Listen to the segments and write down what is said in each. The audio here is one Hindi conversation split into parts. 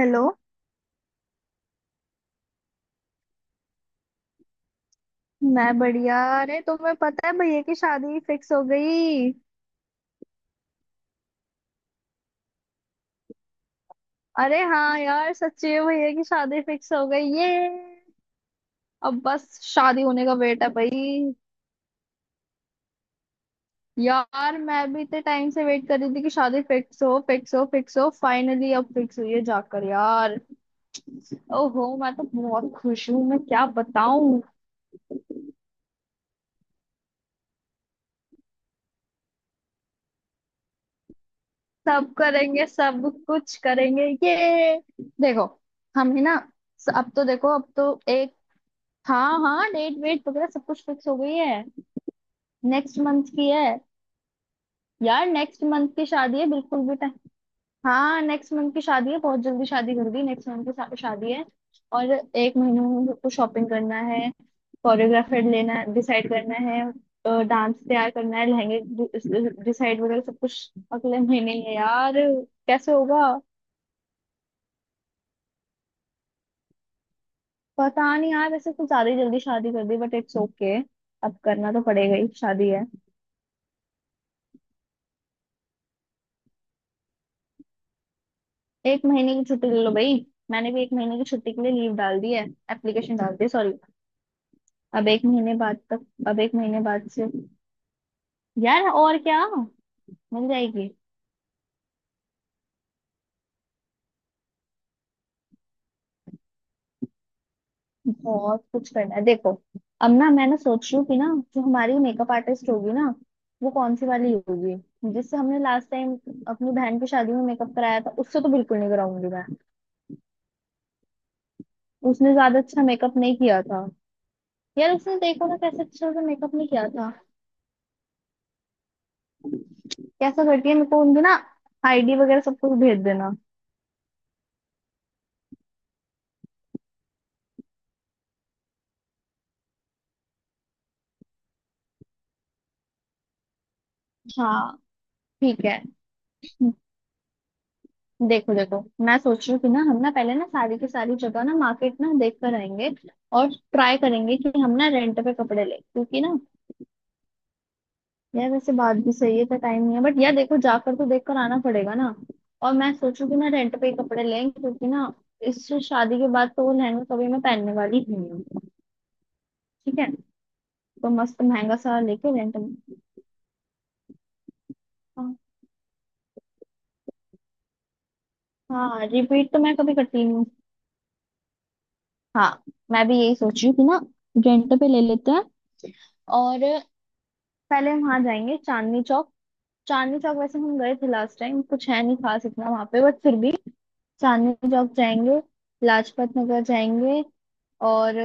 हेलो। मैं बढ़िया। अरे तुम्हें पता है भैया की शादी फिक्स हो गई। अरे हाँ यार, सच्ची में भैया की शादी फिक्स हो गई ये। अब बस शादी होने का वेट है भाई। यार मैं भी इतने टाइम से वेट कर रही थी कि शादी फिक्स हो, फिक्स हो, फिक्स हो, फाइनली अब फिक्स हुई है जाकर यार। ओहो मैं तो बहुत खुश हूँ, मैं क्या बताऊं। सब करेंगे सब, कुछ करेंगे ये। देखो, हम ही ना। अब तो देखो, अब तो एक, हाँ हाँ डेट वेट वगैरह सब कुछ फिक्स हो गई है। नेक्स्ट मंथ की है। यार नेक्स्ट मंथ की शादी है, बिल्कुल भी टाइम। हाँ नेक्स्ट मंथ की शादी है, बहुत जल्दी शादी कर दी, नेक्स्ट मंथ की शादी है। और एक महीने में हम सबको शॉपिंग करना है, कोरियोग्राफर लेना डिसाइड करना है, डांस तैयार करना है, लहंगे डिसाइड वगैरह सब कुछ अगले महीने ही है यार। कैसे होगा। पता नहीं यार, वैसे कुछ ज्यादा ही जल्दी शादी कर दी, बट इट्स ओके। अब करना तो पड़ेगा ही, शादी है। एक महीने की छुट्टी ले लो भाई। मैंने भी एक महीने की छुट्टी के लिए लीव डाल दी है, एप्लीकेशन डाल दी है, सॉरी। अब एक महीने बाद तक, अब एक महीने बाद से, यार और क्या। मिल जाएगी। बहुत कुछ करना है, देखो। अब ना मैं ना सोच रही हूँ कि ना, जो हमारी मेकअप आर्टिस्ट होगी ना, वो कौन सी वाली होगी, जिससे हमने लास्ट टाइम अपनी बहन की शादी में मेकअप कराया था, उससे तो बिल्कुल नहीं कराऊंगी मैं। उसने ज्यादा अच्छा मेकअप नहीं किया था। यार उसने देखो ना, कैसे अच्छा सा मेकअप नहीं किया था। कैसा करती है, मेरे को उनकी ना आईडी वगैरह सब कुछ भेज देना। हाँ, ठीक है। देखो देखो, मैं सोच रही हूँ कि ना, हम ना पहले ना सारी की सारी जगह ना मार्केट ना देख कर आएंगे। और ट्राई करेंगे कि हम ना रेंट पे कपड़े ले, क्योंकि ना, यार वैसे बात भी सही है, तो टाइम नहीं है, बट यार देखो जाकर तो देख कर आना पड़ेगा ना। और मैं सोचू कि ना रेंट पे ही कपड़े लें, क्योंकि ना इस शादी के बाद तो वो लहंगा कभी मैं पहनने वाली ही नहीं हूँ। ठीक है, तो मस्त महंगा सा लेके रेंट में। हाँ रिपीट तो मैं कभी करती नहीं हूँ। हाँ, मैं भी यही सोच रही हूँ कि ना रेंट पे ले लेते हैं। और पहले हम वहां जाएंगे चांदनी चौक। चांदनी चौक वैसे हम गए थे लास्ट टाइम, कुछ है नहीं खास इतना वहां पे, बट फिर भी चांदनी चौक जाएंगे, लाजपत नगर जाएंगे, और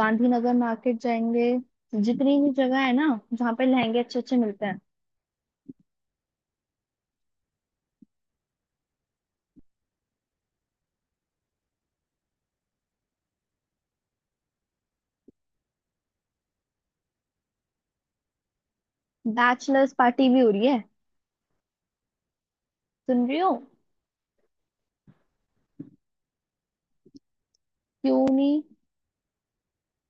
गांधीनगर मार्केट जाएंगे। जितनी भी जगह है ना जहाँ पे लहंगे अच्छे अच्छे मिलते हैं। बैचलर्स पार्टी भी हो रही है। सुन रही हो। क्यों नहीं,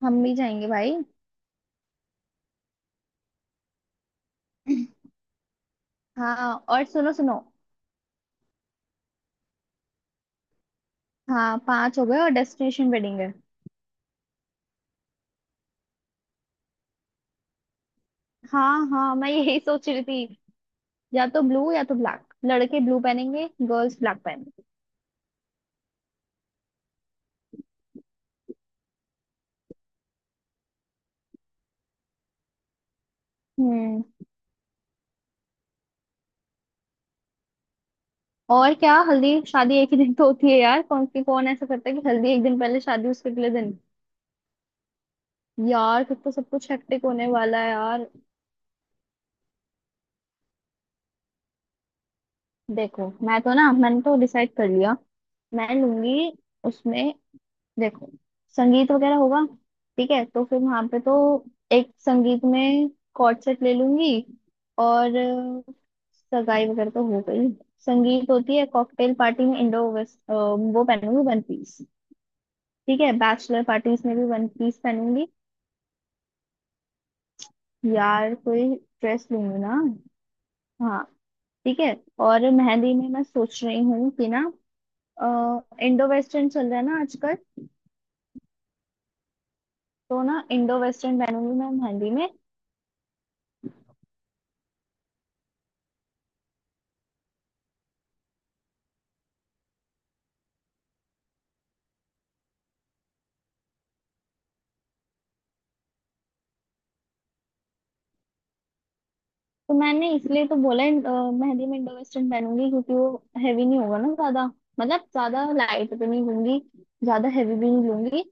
हम भी जाएंगे भाई। हाँ और सुनो सुनो। हाँ पांच हो गए और डेस्टिनेशन वेडिंग है। हाँ हाँ, मैं यही सोच रही थी, या तो ब्लू या तो ब्लैक, लड़के ब्लू पहनेंगे, गर्ल्स ब्लैक पहनेंगे। हम्म। और क्या, हल्दी शादी एक ही दिन तो होती है यार, कौन सी कौन ऐसा करता है कि हल्दी एक दिन पहले शादी उसके अगले दिन। यार फिर तो सब कुछ हेक्टिक होने वाला है यार। देखो मैं तो ना, मैंने तो डिसाइड कर लिया, मैं लूंगी उसमें। देखो संगीत वगैरह होगा, ठीक है, तो फिर वहां पे तो, एक संगीत में कॉर्ड सेट ले लूंगी, और सगाई वगैरह तो हो गई। संगीत होती है, कॉकटेल पार्टी में इंडो वेस्ट वो पहनूंगी, वन पीस। ठीक है, बैचलर पार्टीज में भी वन पीस पहनूंगी। यार कोई ड्रेस लूंगी ना। हाँ, ठीक है। और मेहंदी में मैं सोच रही हूँ कि ना, इंडो वेस्टर्न चल रहा है ना आजकल, तो ना इंडो वेस्टर्न पहनूंगी मैं मेहंदी में। तो मैंने इसलिए तो बोला मेहंदी में इंडो वेस्टर्न पहनूंगी क्योंकि वो हैवी नहीं होगा ना ज्यादा। मतलब ज्यादा लाइट भी नहीं लूंगी, ज्यादा हैवी भी नहीं लूंगी,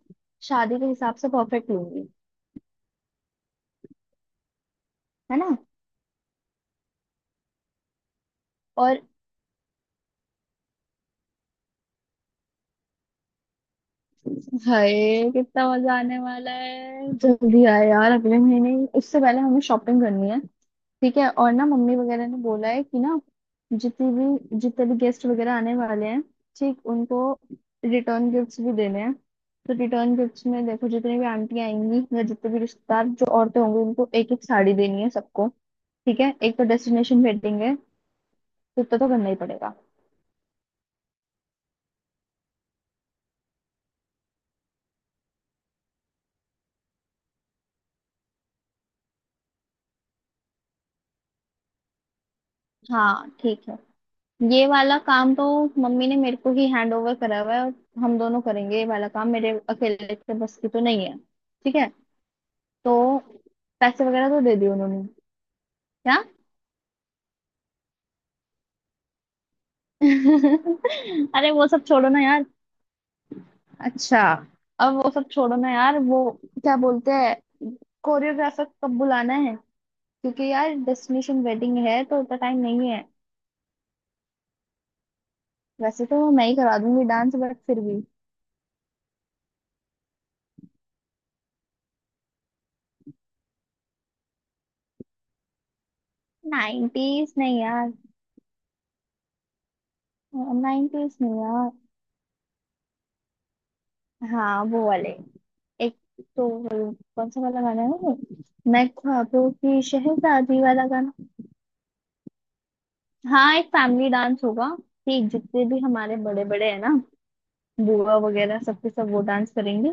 शादी के हिसाब से परफेक्ट लूंगी। है ना। और हाय, कितना मजा आने वाला है, जल्दी आए यार अगले महीने ही। उससे पहले हमें शॉपिंग करनी है। ठीक है, और ना मम्मी वगैरह ने बोला है कि ना, जितनी भी, जितने भी गेस्ट वगैरह आने वाले हैं, ठीक उनको रिटर्न गिफ्ट्स भी देने हैं। तो रिटर्न गिफ्ट्स में देखो, जितनी भी आंटियां आएंगी या जितने भी रिश्तेदार जो औरतें होंगी, उनको एक एक साड़ी देनी है सबको। ठीक है, एक तो डेस्टिनेशन वेडिंग है, तो इतना तो करना ही पड़ेगा। हाँ ठीक है, ये वाला काम तो मम्मी ने मेरे को ही हैंड ओवर करा हुआ है, और हम दोनों करेंगे ये वाला काम, मेरे अकेले के बस की तो नहीं है। ठीक है, तो पैसे वगैरह तो दे दिए उन्होंने। क्या। अरे वो सब छोड़ो ना यार। अच्छा, अब वो सब छोड़ो ना यार, वो क्या बोलते हैं, कोरियोग्राफर कब बुलाना है, क्योंकि यार डेस्टिनेशन वेडिंग है, तो उतना टाइम नहीं है। वैसे तो मैं ही करा दूंगी डांस, बट फिर भी। नाइनटीज नहीं यार, नाइनटीज नहीं यार। हाँ वो वाले, एक, तो वो कौन सा वाला गाना है वो, मैं ख्वाबों की शहजादी वाला गाना। हाँ एक फैमिली डांस होगा, कि जितने भी हमारे बड़े बड़े है ना, बुआ वगैरह सबके सब वो डांस करेंगे।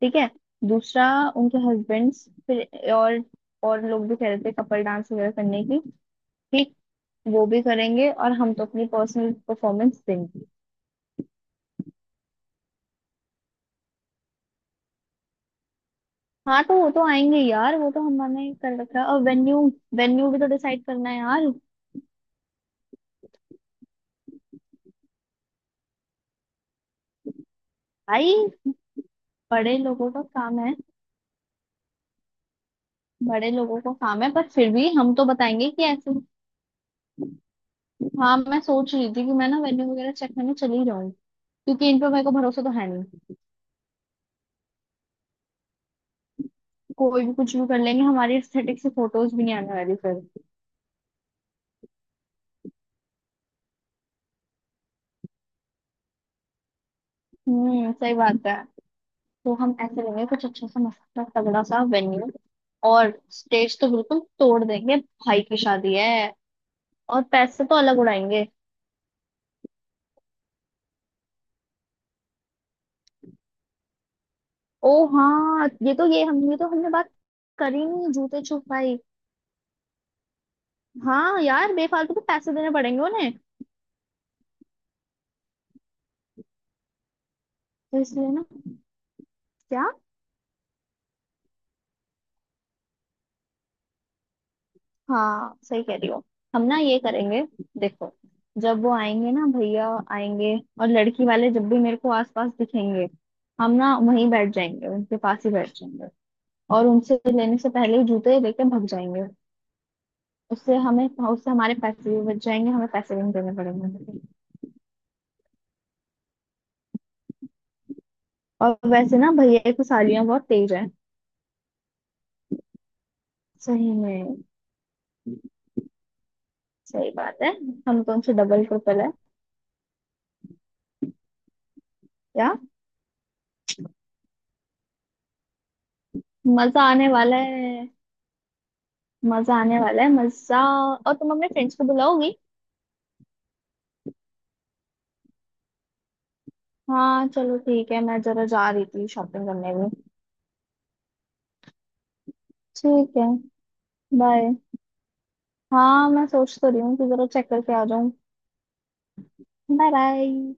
ठीक है, दूसरा, उनके हस्बैंड्स, फिर और लोग भी कह रहे थे कपल डांस वगैरह करने की, ठीक। वो भी करेंगे, और हम तो अपनी पर्सनल परफॉर्मेंस देंगे। हाँ तो वो तो आएंगे यार, वो तो हमने कर रखा है, और वेन्यू, वेन्यू भी तो डिसाइड करना है यार। भाई, बड़े लोगों का काम है, बड़े लोगों का काम है, पर फिर भी हम तो बताएंगे कि ऐसे, हाँ मैं सोच रही थी कि मैं ना वेन्यू वगैरह चेक करने चली जाऊँ, क्योंकि इन पर मेरे को भरोसा तो है नहीं। कोई भी कुछ भी कर लेंगे, हमारी एस्थेटिक से फोटोज भी नहीं आने वाली फिर। हम्म, सही बात है। तो हम ऐसे लेंगे कुछ अच्छा सा मस्त सा तगड़ा सा वेन्यू, और स्टेज तो बिल्कुल तोड़ देंगे, भाई की शादी है, और पैसे तो अलग उड़ाएंगे। ओ हाँ, ये तो, ये हम ये तो हमने बात करी नहीं, जूते छुपाई। हाँ यार, बेफालतू के पैसे देने पड़ेंगे उन्हें। तो इसलिए ना, क्या, हाँ सही कह रही हो, हम ना ये करेंगे। देखो, जब वो आएंगे ना भैया आएंगे, और लड़की वाले जब भी मेरे को आसपास दिखेंगे, हम ना वहीं बैठ जाएंगे, उनके पास ही बैठ जाएंगे, और उनसे लेने से पहले ही जूते लेके भाग जाएंगे। उससे हमें, उससे हमारे पैसे भी बच जाएंगे, हमें पैसे भी नहीं देने पड़ेंगे। और वैसे ना भैया की सालियाँ बहुत तेज है। सही में, सही बात है। हम तो उनसे डबल ट्रिपल है। क्या। मजा आने वाला है, मजा आने वाला है मजा। और तुम अपने फ्रेंड्स को बुलाओगी। हाँ चलो ठीक है, मैं जरा जा रही थी शॉपिंग करने भी। ठीक है, बाय। हाँ मैं सोच तो रही हूँ कि जरा चेक करके आ जाऊँ। Bye bye.